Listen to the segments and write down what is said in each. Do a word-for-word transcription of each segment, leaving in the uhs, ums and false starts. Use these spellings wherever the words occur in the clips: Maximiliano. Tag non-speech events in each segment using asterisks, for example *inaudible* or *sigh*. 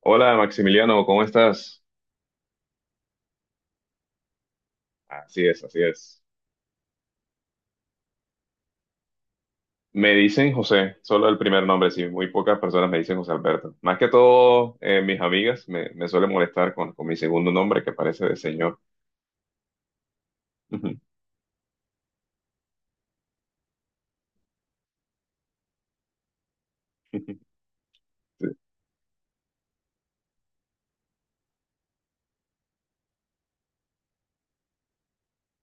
Hola Maximiliano, ¿cómo estás? Así es, así es. Me dicen José, solo el primer nombre, sí, muy pocas personas me dicen José Alberto. Más que todo, eh, mis amigas me, me suelen molestar con, con mi segundo nombre que parece de señor. *laughs* Sí,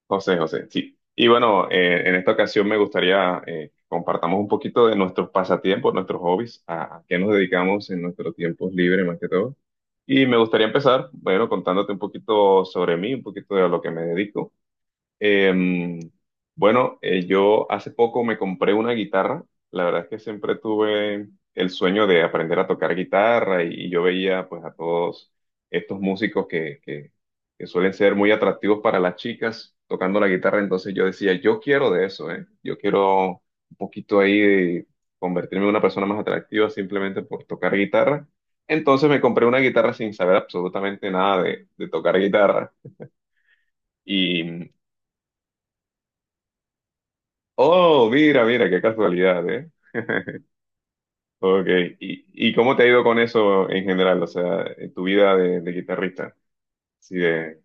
José, José, sí. Y bueno, eh, en esta ocasión me gustaría eh, compartamos un poquito de nuestros pasatiempos, nuestros hobbies, a, a qué nos dedicamos en nuestro tiempo libre más que todo. Y me gustaría empezar, bueno, contándote un poquito sobre mí, un poquito de lo que me dedico. Em, bueno, eh, yo hace poco me compré una guitarra. La verdad es que siempre tuve el sueño de aprender a tocar guitarra y, y yo veía pues a todos estos músicos que, que, que suelen ser muy atractivos para las chicas tocando la guitarra. Entonces yo decía, yo quiero de eso, ¿eh? Yo quiero un poquito ahí de convertirme en una persona más atractiva simplemente por tocar guitarra. Entonces me compré una guitarra sin saber absolutamente nada de de tocar guitarra. Y Oh, mira, mira, qué casualidad, ¿eh? Ok, ¿Y, y cómo te ha ido con eso en general? O sea, en tu vida de, de guitarrista. Sí, de,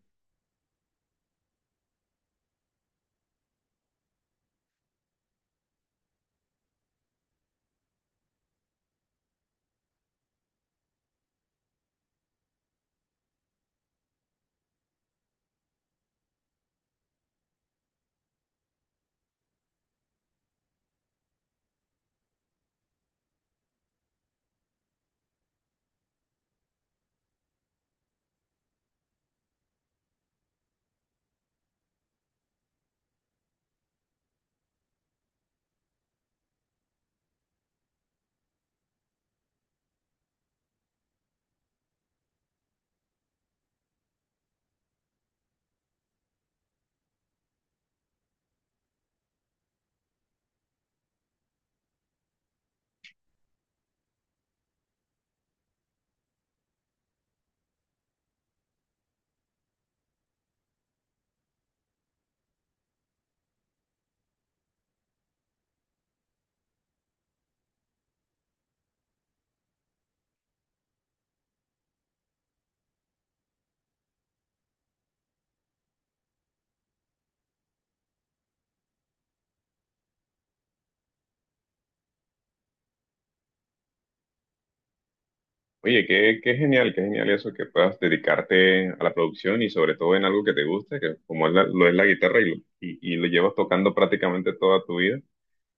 oye, qué, qué genial, qué genial eso que puedas dedicarte a la producción y sobre todo en algo que te guste, que como es la- lo es la guitarra y, lo- y, y lo llevas tocando prácticamente toda tu vida.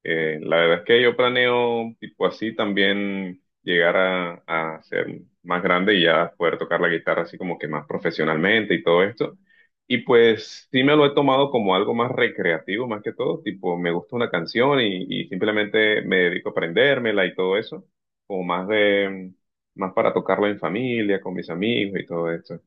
Eh, la verdad es que yo planeo, tipo así, también llegar a, a ser más grande y ya poder tocar la guitarra así como que más profesionalmente y todo esto. Y pues sí me lo he tomado como algo más recreativo, más que todo, tipo me gusta una canción y, y simplemente me dedico a aprendérmela y todo eso, como más de, más para tocarlo en familia, con mis amigos y todo esto.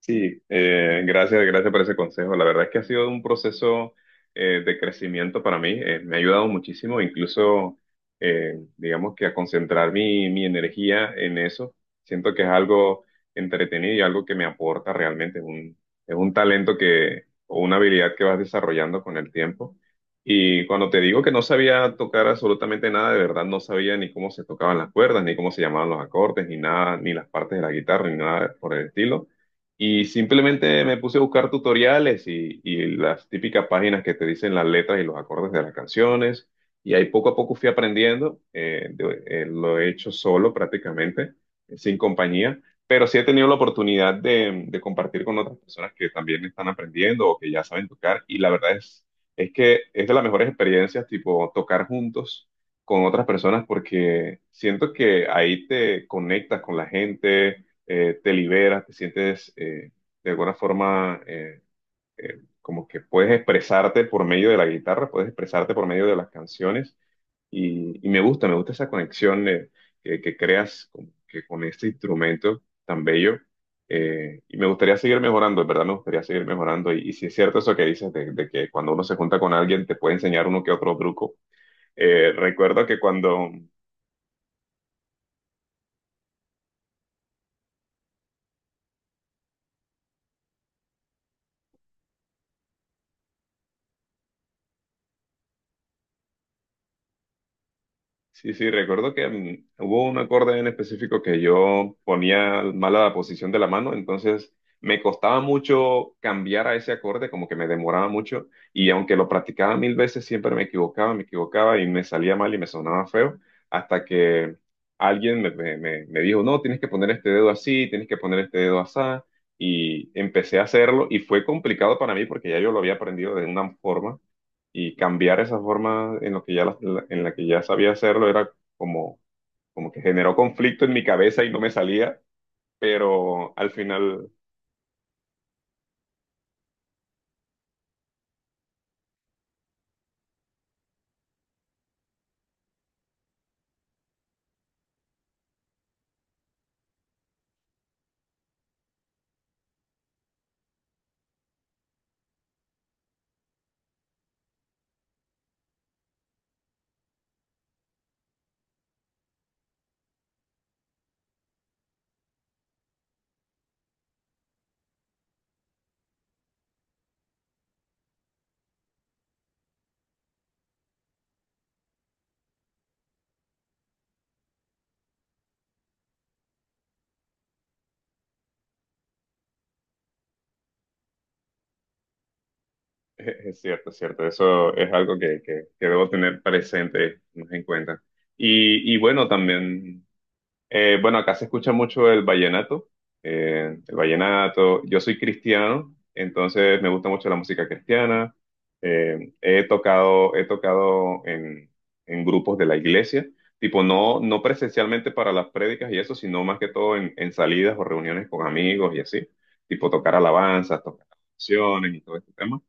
Sí, eh, gracias, gracias por ese consejo. La verdad es que ha sido un proceso eh, de crecimiento para mí. Eh, me ha ayudado muchísimo, incluso, eh, digamos que a concentrar mi, mi energía en eso. Siento que es algo entretenido y algo que me aporta realmente. Es un, es un talento que, o una habilidad que vas desarrollando con el tiempo. Y cuando te digo que no sabía tocar absolutamente nada, de verdad no sabía ni cómo se tocaban las cuerdas, ni cómo se llamaban los acordes, ni nada, ni las partes de la guitarra, ni nada por el estilo y simplemente me puse a buscar tutoriales y, y las típicas páginas que te dicen las letras y los acordes de las canciones. Y ahí poco a poco fui aprendiendo. eh, de- eh, lo he hecho solo prácticamente, eh, sin compañía. Pero sí he tenido la oportunidad de, de compartir con otras personas que también están aprendiendo o que ya saben tocar. Y la verdad es, es que es de las mejores experiencias, tipo tocar juntos con otras personas porque siento que ahí te conectas con la gente eh, te liberas, te sientes eh, de alguna forma eh, eh, como que puedes expresarte por medio de la guitarra, puedes expresarte por medio de las canciones y, y me gusta, me gusta esa conexión eh, que, que creas con, que con este instrumento tan bello. Eh, y me gustaría seguir mejorando, en verdad me gustaría seguir mejorando. Y, y si es cierto eso que dices de, de que cuando uno se junta con alguien te puede enseñar uno que otro truco. Eh, recuerdo que cuando Sí, sí, recuerdo que mm, hubo un acorde en específico que yo ponía mala la posición de la mano, entonces me costaba mucho cambiar a ese acorde, como que me demoraba mucho, y aunque lo practicaba mil veces, siempre me equivocaba, me equivocaba y me salía mal y me sonaba feo, hasta que alguien me, me- me- me dijo, no, tienes que poner este dedo así, tienes que poner este dedo así, y empecé a hacerlo, y fue complicado para mí porque ya yo lo había aprendido de una forma y cambiar esa forma en lo que ya la- la- en la que ya sabía hacerlo era como como que generó conflicto en mi cabeza y no me salía, pero al final *laughs* es cierto, es cierto, eso es algo que, que, que debo tener presente más en cuenta. Y, y bueno, también Eh, bueno, acá se escucha mucho el vallenato. Eh, el vallenato, yo soy cristiano, entonces me gusta mucho la música cristiana. eh, he tocado, he tocado en, en grupos de la iglesia, tipo no, no presencialmente para las prédicas y eso, sino más que todo en, en salidas o reuniones con amigos y así, tipo tocar alabanzas, tocar canciones y todo este tema.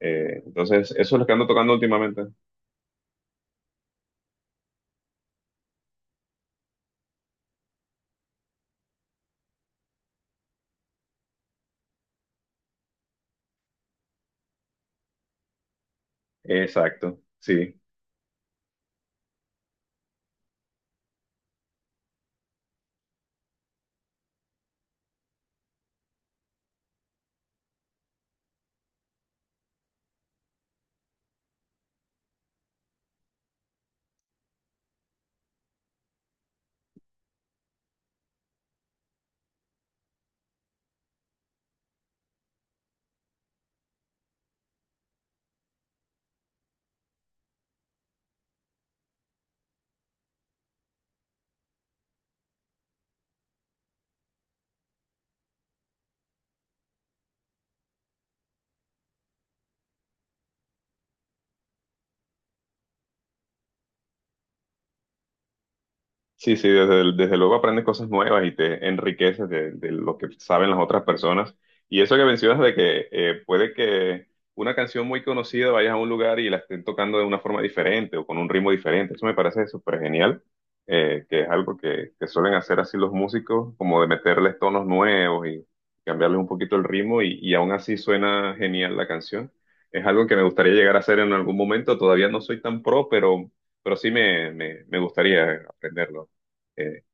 Eh, entonces, eso es lo que ando tocando últimamente. Exacto, sí. Sí, sí, desde, el- desde luego aprendes cosas nuevas y te enriqueces de, de lo que saben las otras personas. Y eso que mencionas de que eh, puede que una canción muy conocida vayas a un lugar y la estén tocando de una forma diferente o con un ritmo diferente, eso me parece súper genial, eh, que es algo que, que suelen hacer así los músicos, como de meterles tonos nuevos y cambiarles un poquito el ritmo y, y aún así suena genial la canción. Es algo que me gustaría llegar a hacer en algún momento, todavía no soy tan pro, pero, pero sí me, me me gustaría aprenderlo. Eh,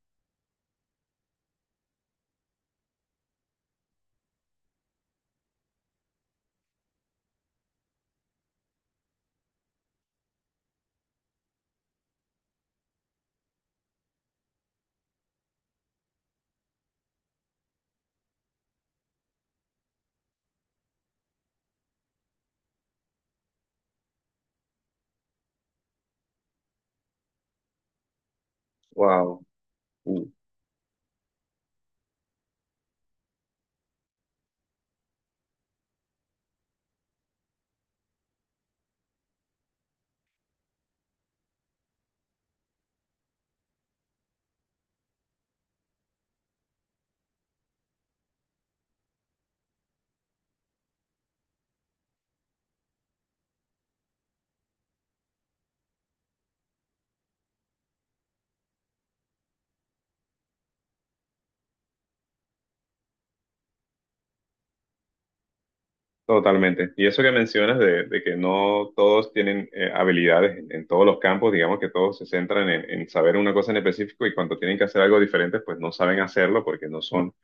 wow, uh, Totalmente. Y eso que mencionas de, de que no todos tienen eh, habilidades en, en todos los campos, digamos que todos se centran en, en saber una cosa en específico y cuando tienen que hacer algo diferente, pues no saben hacerlo porque no son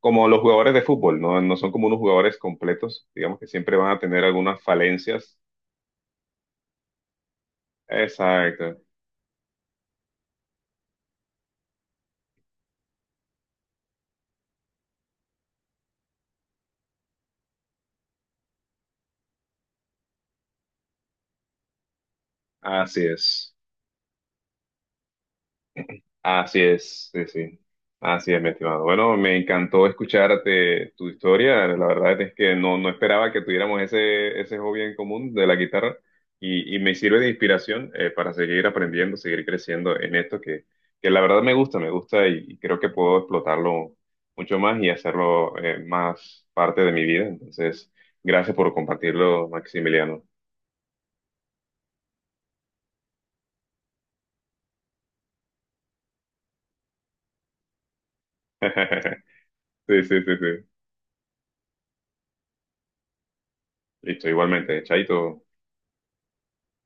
como los jugadores de fútbol, no, no son como unos jugadores completos, digamos que siempre van a tener algunas falencias. Exacto, así es. Así es, sí, sí. Así es, mi estimado. Bueno, me encantó escucharte tu historia. La verdad es que no, no esperaba que tuviéramos ese, ese hobby en común de la guitarra y, y me sirve de inspiración eh, para seguir aprendiendo, seguir creciendo en esto que, que la verdad me gusta, me gusta y, y creo que puedo explotarlo mucho más y hacerlo eh, más parte de mi vida. Entonces, gracias por compartirlo, Maximiliano. *laughs* Sí, sí, sí, sí. Listo, igualmente. Chaito.